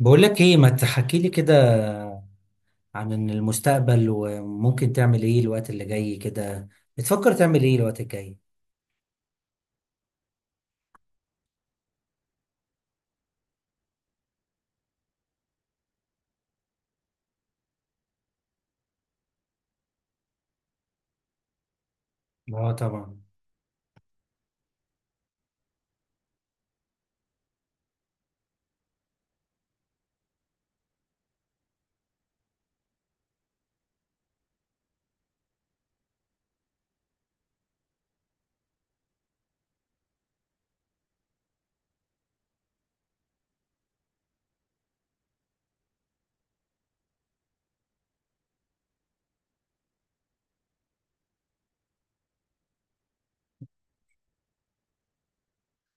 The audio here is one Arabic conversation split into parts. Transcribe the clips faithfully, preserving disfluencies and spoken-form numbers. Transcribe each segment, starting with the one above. بقول لك ايه، ما تحكي لي كده عن المستقبل وممكن تعمل ايه الوقت اللي جاي كده. بتفكر تعمل ايه الوقت الجاي؟ اه، طبعا.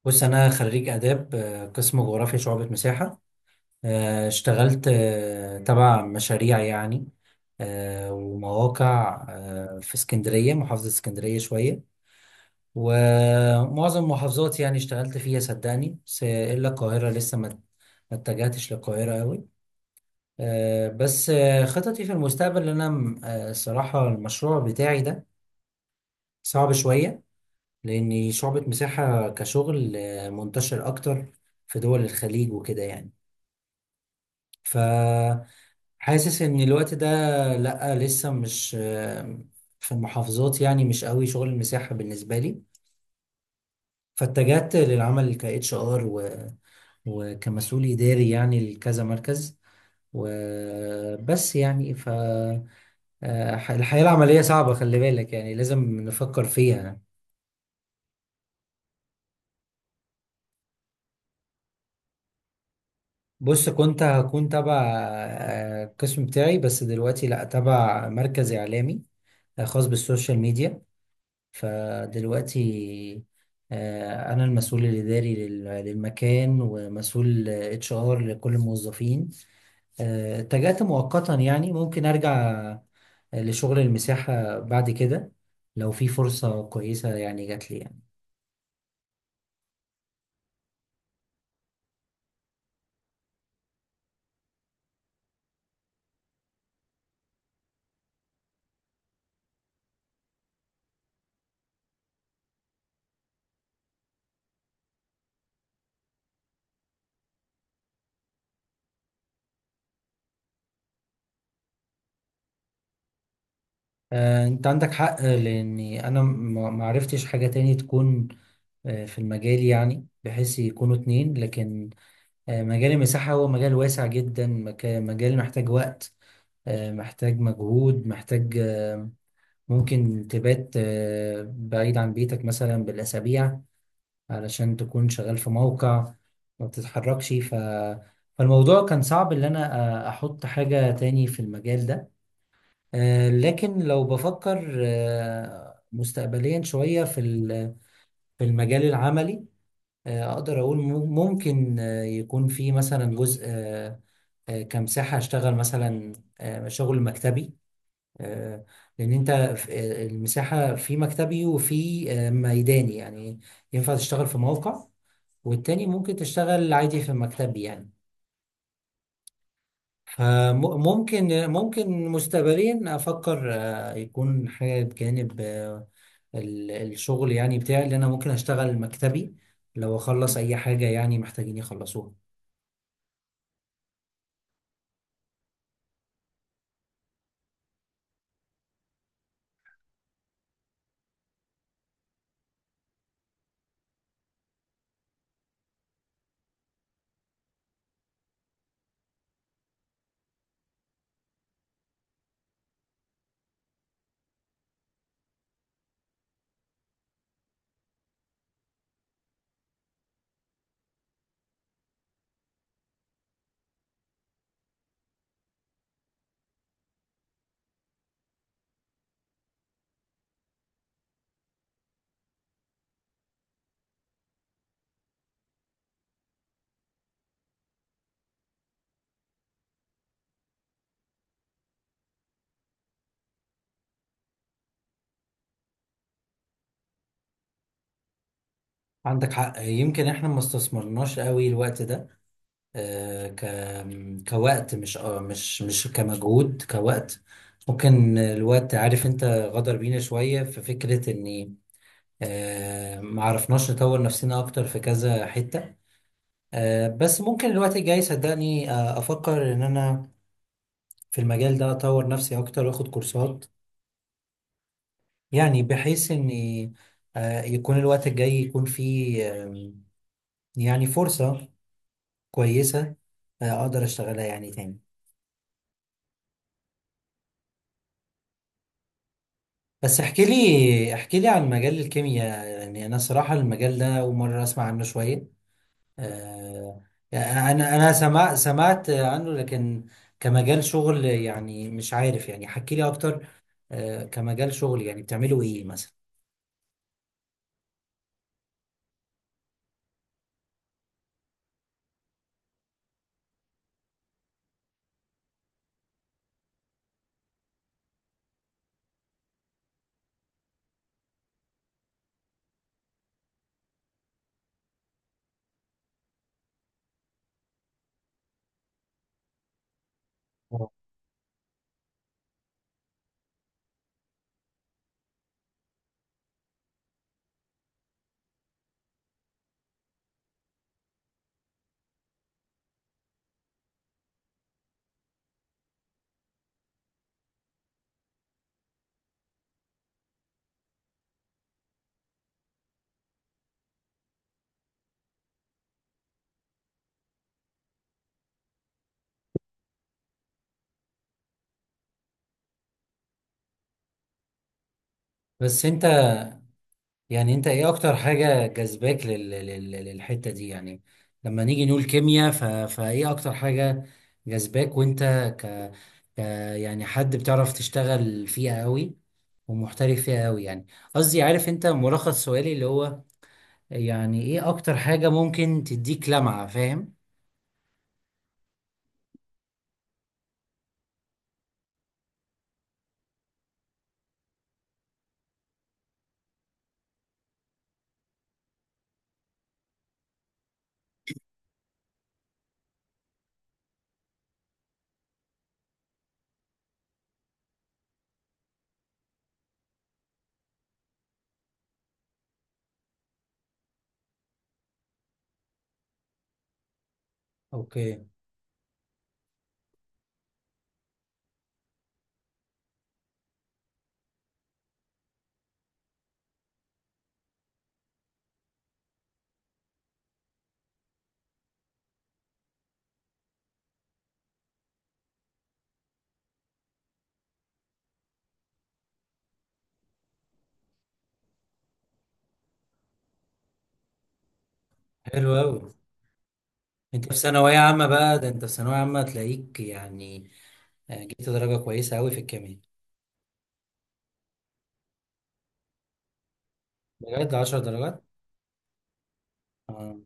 بص، انا خريج اداب، آه، قسم جغرافيا شعبة مساحة. آه، اشتغلت آه، تبع مشاريع يعني، آه، ومواقع آه، في اسكندرية، محافظة اسكندرية شوية، ومعظم المحافظات يعني اشتغلت فيها صدقني، بس الا القاهرة لسه ما ما اتجهتش للقاهرة قوي. آه، بس آه، خططي في المستقبل ان انا، آه، الصراحه المشروع بتاعي ده صعب شويه، لاني شعبة مساحه كشغل آه، منتشر اكتر في دول الخليج وكده يعني. فحاسس ان الوقت ده، لا لسه مش، آه، في المحافظات يعني مش قوي شغل المساحه بالنسبه لي. فاتجهت للعمل ك اتش ار و وكمسؤول اداري يعني لكذا مركز وبس يعني. ف آه، الحياة العملية صعبة، خلي بالك يعني لازم نفكر فيها. بص، كنت هكون تبع آه، القسم بتاعي، بس دلوقتي لا، تبع مركز إعلامي آه، خاص بالسوشيال ميديا. فدلوقتي آه، أنا المسؤول الإداري لل- للمكان ومسؤول اتش ار لكل الموظفين. آه، اتجهت مؤقتا يعني ممكن أرجع آه، لشغل المساحة بعد كده، لو في فرصة كويسة يعني جات لي يعني. آه، انت عندك حق، لاني انا ما ما عرفتش حاجة تاني تكون آه، في المجال، يعني بحيث يكونوا اتنين. لكن آه، مجال المساحة هو مجال واسع جدا، مك- مجال محتاج وقت، آه، محتاج مجهود، محتاج آه، ممكن تبات آه، بعيد عن بيتك مثلا بالأسابيع علشان تكون شغال في موقع، ما بتتحركش. ف... فالموضوع كان صعب ان انا آه، احط حاجة تاني في المجال ده. آه، لكن لو بفكر آه، مستقبليا شوية في ال- في المجال العملي، آه، أقدر أقول مم- ممكن آه، يكون في مثلا جزء آه، آه، كمساحة أشتغل مثلا آه، شغل مكتبي. آه، لأن أنت ف- آه، المساحة في مكتبي وفي آه، ميداني يعني. ينفع تشتغل في موقع والتاني ممكن تشتغل عادي في مكتبي يعني. فممكن ممكن مستقبليا أفكر آه، يكون حاجة بجانب آه، ال- الشغل يعني بتاعي، اللي انا ممكن اشتغل مكتبي لو اخلص اي حاجة يعني محتاجين يخلصوها. عندك حق، يمكن احنا ما استثمرناش قوي الوقت ده آه، ك كوقت، مش آه، مش مش كمجهود، كوقت. ممكن الوقت، عارف انت غدر بينا شوية في فكرة اني آه، ما عرفناش نطور نفسنا اكتر في كذا حتة. آه، بس ممكن الوقت الجاي صدقني آه، افكر ان انا في المجال ده اطور نفسي اكتر واخد كورسات، يعني بحيث ان آه، يكون الوقت الجاي يكون فيه آم، يعني فرصة كويسة آه، اقدر اشتغلها يعني تاني. بس احكي لي احكي لي عن مجال الكيمياء، يعني انا صراحة المجال ده اول مرة اسمع عنه شوية. آه، يعني انا انا سمع سمعت عنه، لكن كمجال شغل يعني مش عارف، يعني حكي لي اكتر آه، كمجال شغل يعني بتعملوا ايه مثلا؟ آه. بس انت، يعني انت ايه اكتر حاجة جذباك لل... لل... للحتة دي يعني؟ لما نيجي نقول كيمياء ف... فايه اكتر حاجة جذباك؟ وانت ك... ك يعني حد بتعرف تشتغل فيها قوي ومحترف فيها قوي يعني. قصدي، عارف انت ملخص سؤالي اللي هو يعني ايه اكتر حاجة ممكن تديك لمعة؟ فاهم. اوكي. حلو قوي. انت في ثانوية عامة بقى؟ ده انت في ثانوية عامة تلاقيك يعني آه، جبت درجة كويسة قوي في الكيمياء؟ بجد، عشر درجات؟ آه.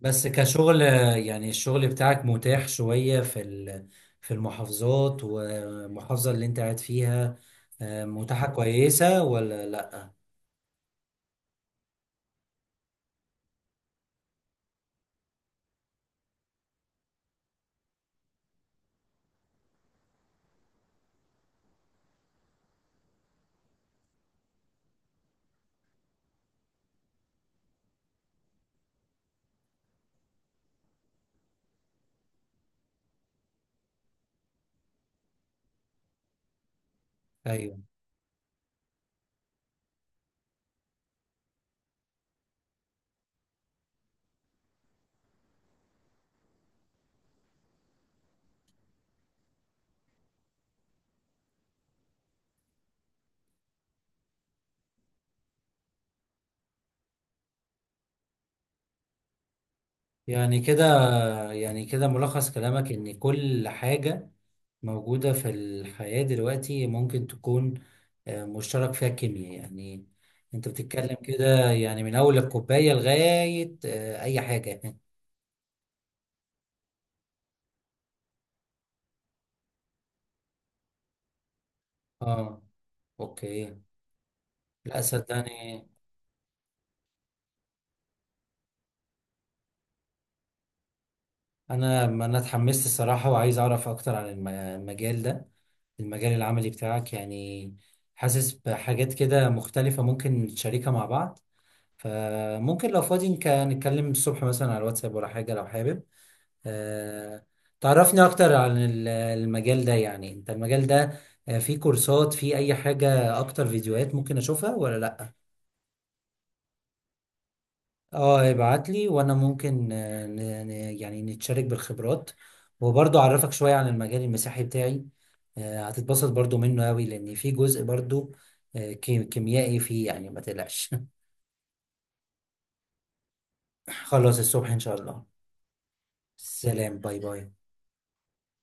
بس كشغل، يعني الشغل بتاعك متاح شوية في ال- في المحافظات، والمحافظة اللي انت قاعد فيها آه، متاحة كويسة ولا لا؟ ايوه. يعني كده، يعني كده ملخص كلامك ان كل حاجة موجودة في الحياة دلوقتي ممكن تكون آه، مشترك فيها الكيمياء يعني. انت بتتكلم كده يعني من اول الكوباية لغاية آه، اي حاجة. اه، اوكي. لا صدقني، انا ما انا اتحمست الصراحه، وعايز اعرف اكتر عن الم- المجال ده، المجال العملي بتاعك يعني. حاسس بحاجات كده مختلفه ممكن نشاركها مع بعض. فممكن لو فاضي نك- نتكلم الصبح مثلا على الواتساب ولا حاجه، لو حابب آه، تعرفني اكتر عن ال- المجال ده. يعني انت المجال ده آه، فيه كورسات، فيه اي حاجه اكتر، فيديوهات ممكن اشوفها ولا لا؟ اه، ابعت لي. وانا ممكن آه، ن- ن- يعني نتشارك بالخبرات، وبرضه اعرفك شوية عن المجال المسيحي بتاعي. آه، هتتبسط برضه منه قوي، لان في جزء برضه آه، كي- كيميائي فيه، يعني ما تقلقش. خلاص، الصبح ان شاء الله. سلام، باي باي.